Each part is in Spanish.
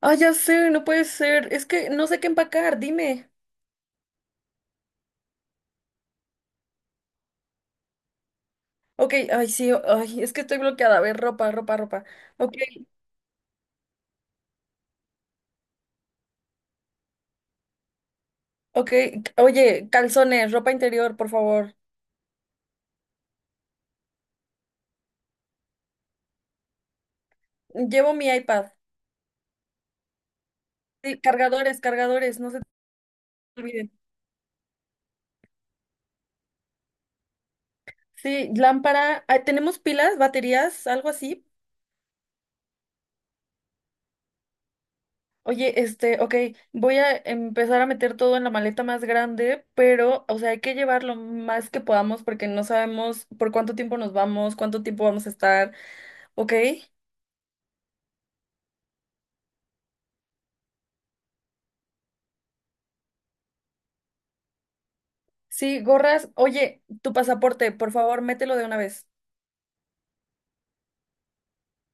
Ah, ya sé, no puede ser. Es que no sé qué empacar, dime. Ok, ay, sí, ay, es que estoy bloqueada. A ver, ropa, ropa, ropa. Ok, ok. Oye, calzones, ropa interior, por favor. Llevo mi iPad. Sí, cargadores, cargadores, no se te olviden. Sí, lámpara. Ah, ¿tenemos pilas, baterías, algo así? Oye, ok, voy a empezar a meter todo en la maleta más grande, pero, o sea, hay que llevar lo más que podamos porque no sabemos por cuánto tiempo nos vamos, cuánto tiempo vamos a estar, ¿ok? Sí, gorras. Oye, tu pasaporte, por favor, mételo de una vez.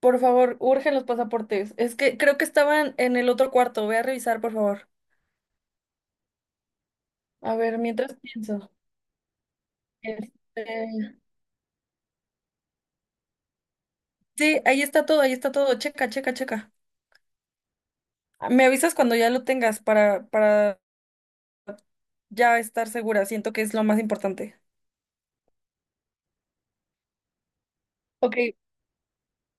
Por favor, urgen los pasaportes. Es que creo que estaban en el otro cuarto. Ve a revisar, por favor. A ver, mientras pienso. Este, Sí, ahí está todo, ahí está todo. Checa, checa, checa. Me avisas cuando ya lo tengas para ya estar segura. Siento que es lo más importante. Ok.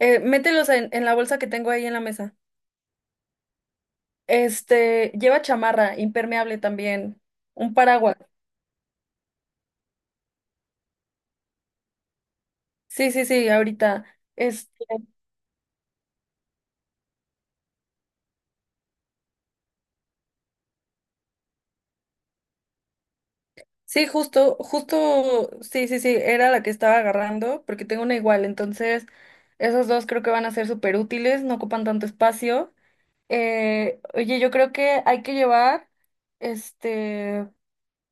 Mételos en la bolsa que tengo ahí en la mesa. Lleva chamarra, impermeable también. Un paraguas. Sí, sí, sí, ahorita. Este. Sí, justo, justo, sí, sí, sí, era la que estaba agarrando, porque tengo una igual, entonces esos dos creo que van a ser súper útiles, no ocupan tanto espacio. Oye, yo creo que hay que llevar este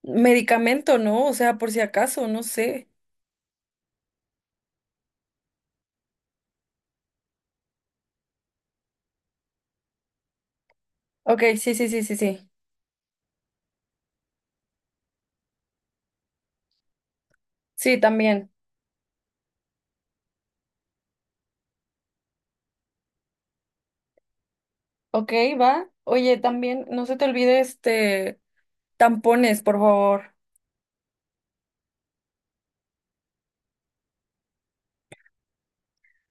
medicamento, ¿no? O sea, por si acaso, no sé. Ok, sí, sí, sí, sí, sí. Sí, también. Ok, va. Oye, también, no se te olvide tampones, por favor.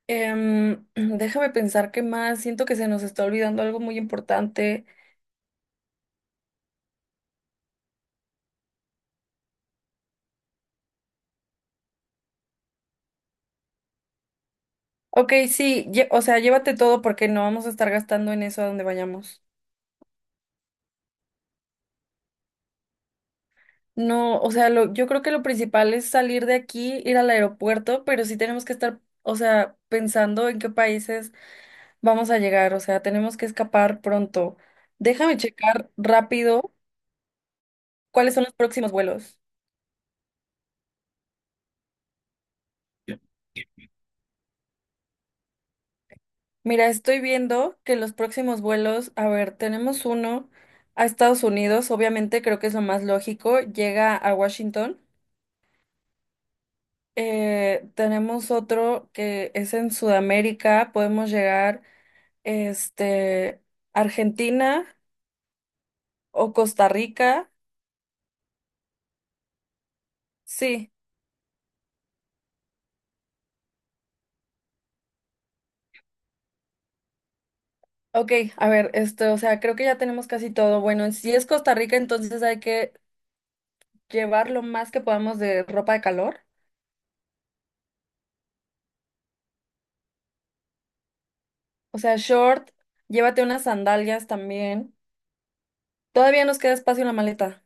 Déjame pensar qué más. Siento que se nos está olvidando algo muy importante. Ok, sí, o sea, llévate todo porque no vamos a estar gastando en eso a donde vayamos. No, o sea, yo creo que lo principal es salir de aquí, ir al aeropuerto, pero sí tenemos que estar, o sea, pensando en qué países vamos a llegar, o sea, tenemos que escapar pronto. Déjame checar rápido cuáles son los próximos vuelos. Mira, estoy viendo que los próximos vuelos, a ver, tenemos uno a Estados Unidos, obviamente creo que es lo más lógico, llega a Washington. Tenemos otro que es en Sudamérica. Podemos llegar, este, Argentina o Costa Rica. Sí, ok, a ver, o sea, creo que ya tenemos casi todo. Bueno, si es Costa Rica, entonces hay que llevar lo más que podamos de ropa de calor. O sea, short, llévate unas sandalias también. Todavía nos queda espacio en la maleta.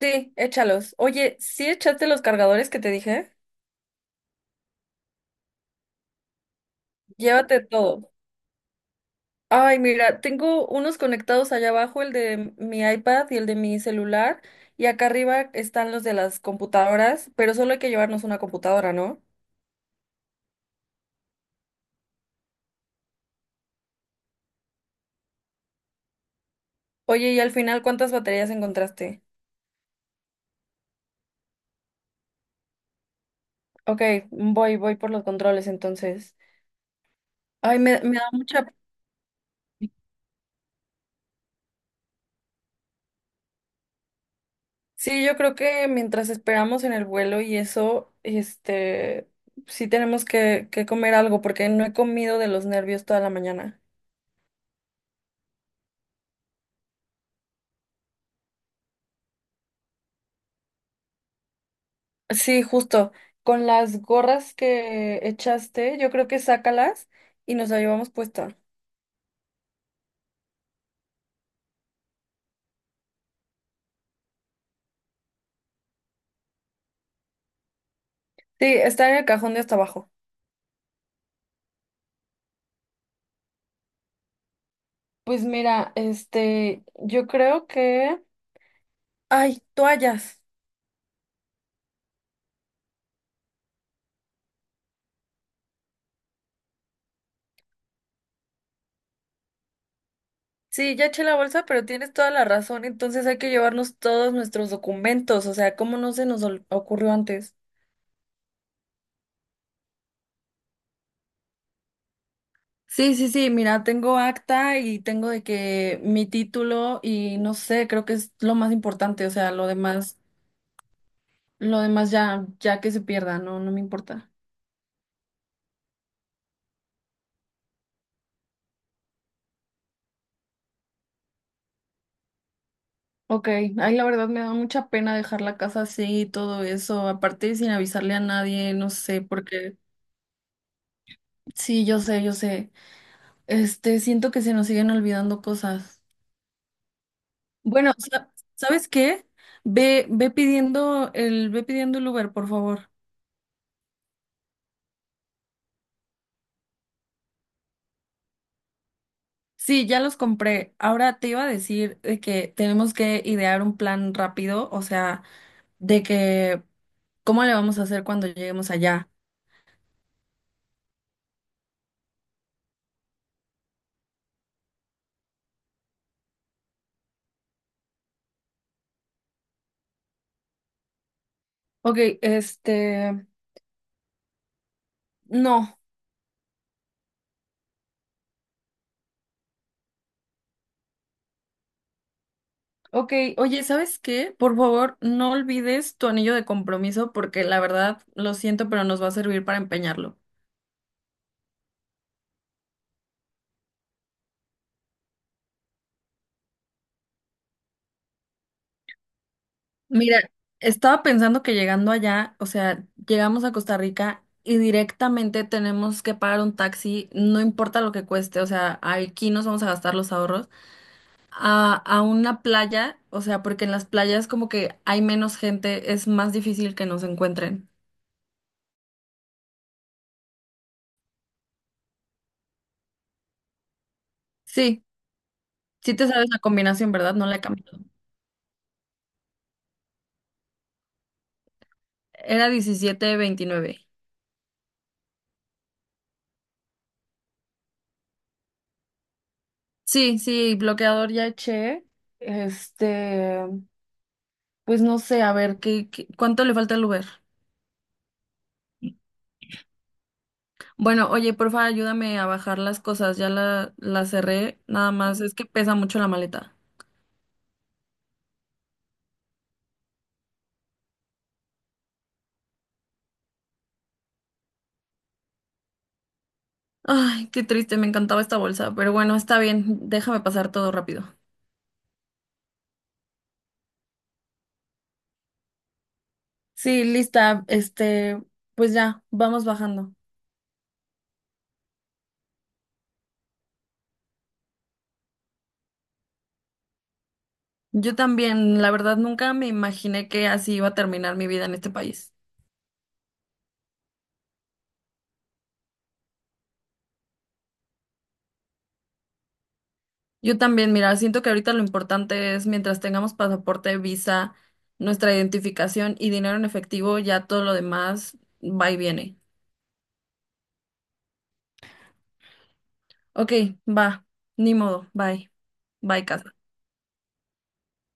Sí, échalos. Oye, ¿sí echaste los cargadores que te dije? Llévate todo. Ay, mira, tengo unos conectados allá abajo, el de mi iPad y el de mi celular, y acá arriba están los de las computadoras, pero solo hay que llevarnos una computadora, ¿no? Oye, y al final, ¿cuántas baterías encontraste? Ok, voy, voy por los controles entonces. Ay, me da mucha... Sí, yo creo que mientras esperamos en el vuelo y eso, sí tenemos que, comer algo porque no he comido de los nervios toda la mañana. Sí, justo. Con las gorras que echaste, yo creo que sácalas y nos la llevamos puesta. Sí, está en el cajón de hasta abajo. Pues mira, yo creo que... Ay, toallas. Sí, ya eché la bolsa, pero tienes toda la razón. Entonces hay que llevarnos todos nuestros documentos. O sea, ¿cómo no se nos ocurrió antes? Sí, sí, sí, mira, tengo acta y tengo de que mi título y no sé, creo que es lo más importante. O sea, lo demás. Lo demás ya, ya que se pierda, no, no me importa. Ok, ay, la verdad me da mucha pena dejar la casa así y todo eso, aparte sin avisarle a nadie, no sé, porque sí, yo sé, yo sé. Siento que se nos siguen olvidando cosas. Bueno, ¿sabes qué? Ve pidiendo el Uber, por favor. Sí, ya los compré. Ahora te iba a decir de que tenemos que idear un plan rápido, o sea, de que ¿cómo le vamos a hacer cuando lleguemos allá? Ok, este, no. Ok, oye, ¿sabes qué? Por favor, no olvides tu anillo de compromiso porque la verdad, lo siento, pero nos va a servir para empeñarlo. Mira, estaba pensando que llegando allá, o sea, llegamos a Costa Rica y directamente tenemos que pagar un taxi, no importa lo que cueste, o sea, aquí nos vamos a gastar los ahorros, a una playa, o sea, porque en las playas como que hay menos gente, es más difícil que nos encuentren. Sí. Sí te sabes la combinación, ¿verdad? No la he cambiado. Era 17 29. Sí, sí, bloqueador ya eché. Este, pues no sé, a ver, ¿ cuánto le falta al Uber? Bueno, oye, porfa, ayúdame a bajar las cosas. Ya la cerré, nada más. Es que pesa mucho la maleta. Ay, qué triste, me encantaba esta bolsa. Pero bueno, está bien, déjame pasar todo rápido. Sí, lista. Pues ya, vamos bajando. Yo también, la verdad, nunca me imaginé que así iba a terminar mi vida en este país. Yo también, mira, siento que ahorita lo importante es mientras tengamos pasaporte, visa, nuestra identificación y dinero en efectivo, ya todo lo demás va y viene. Ok, va, ni modo, bye. Bye, casa.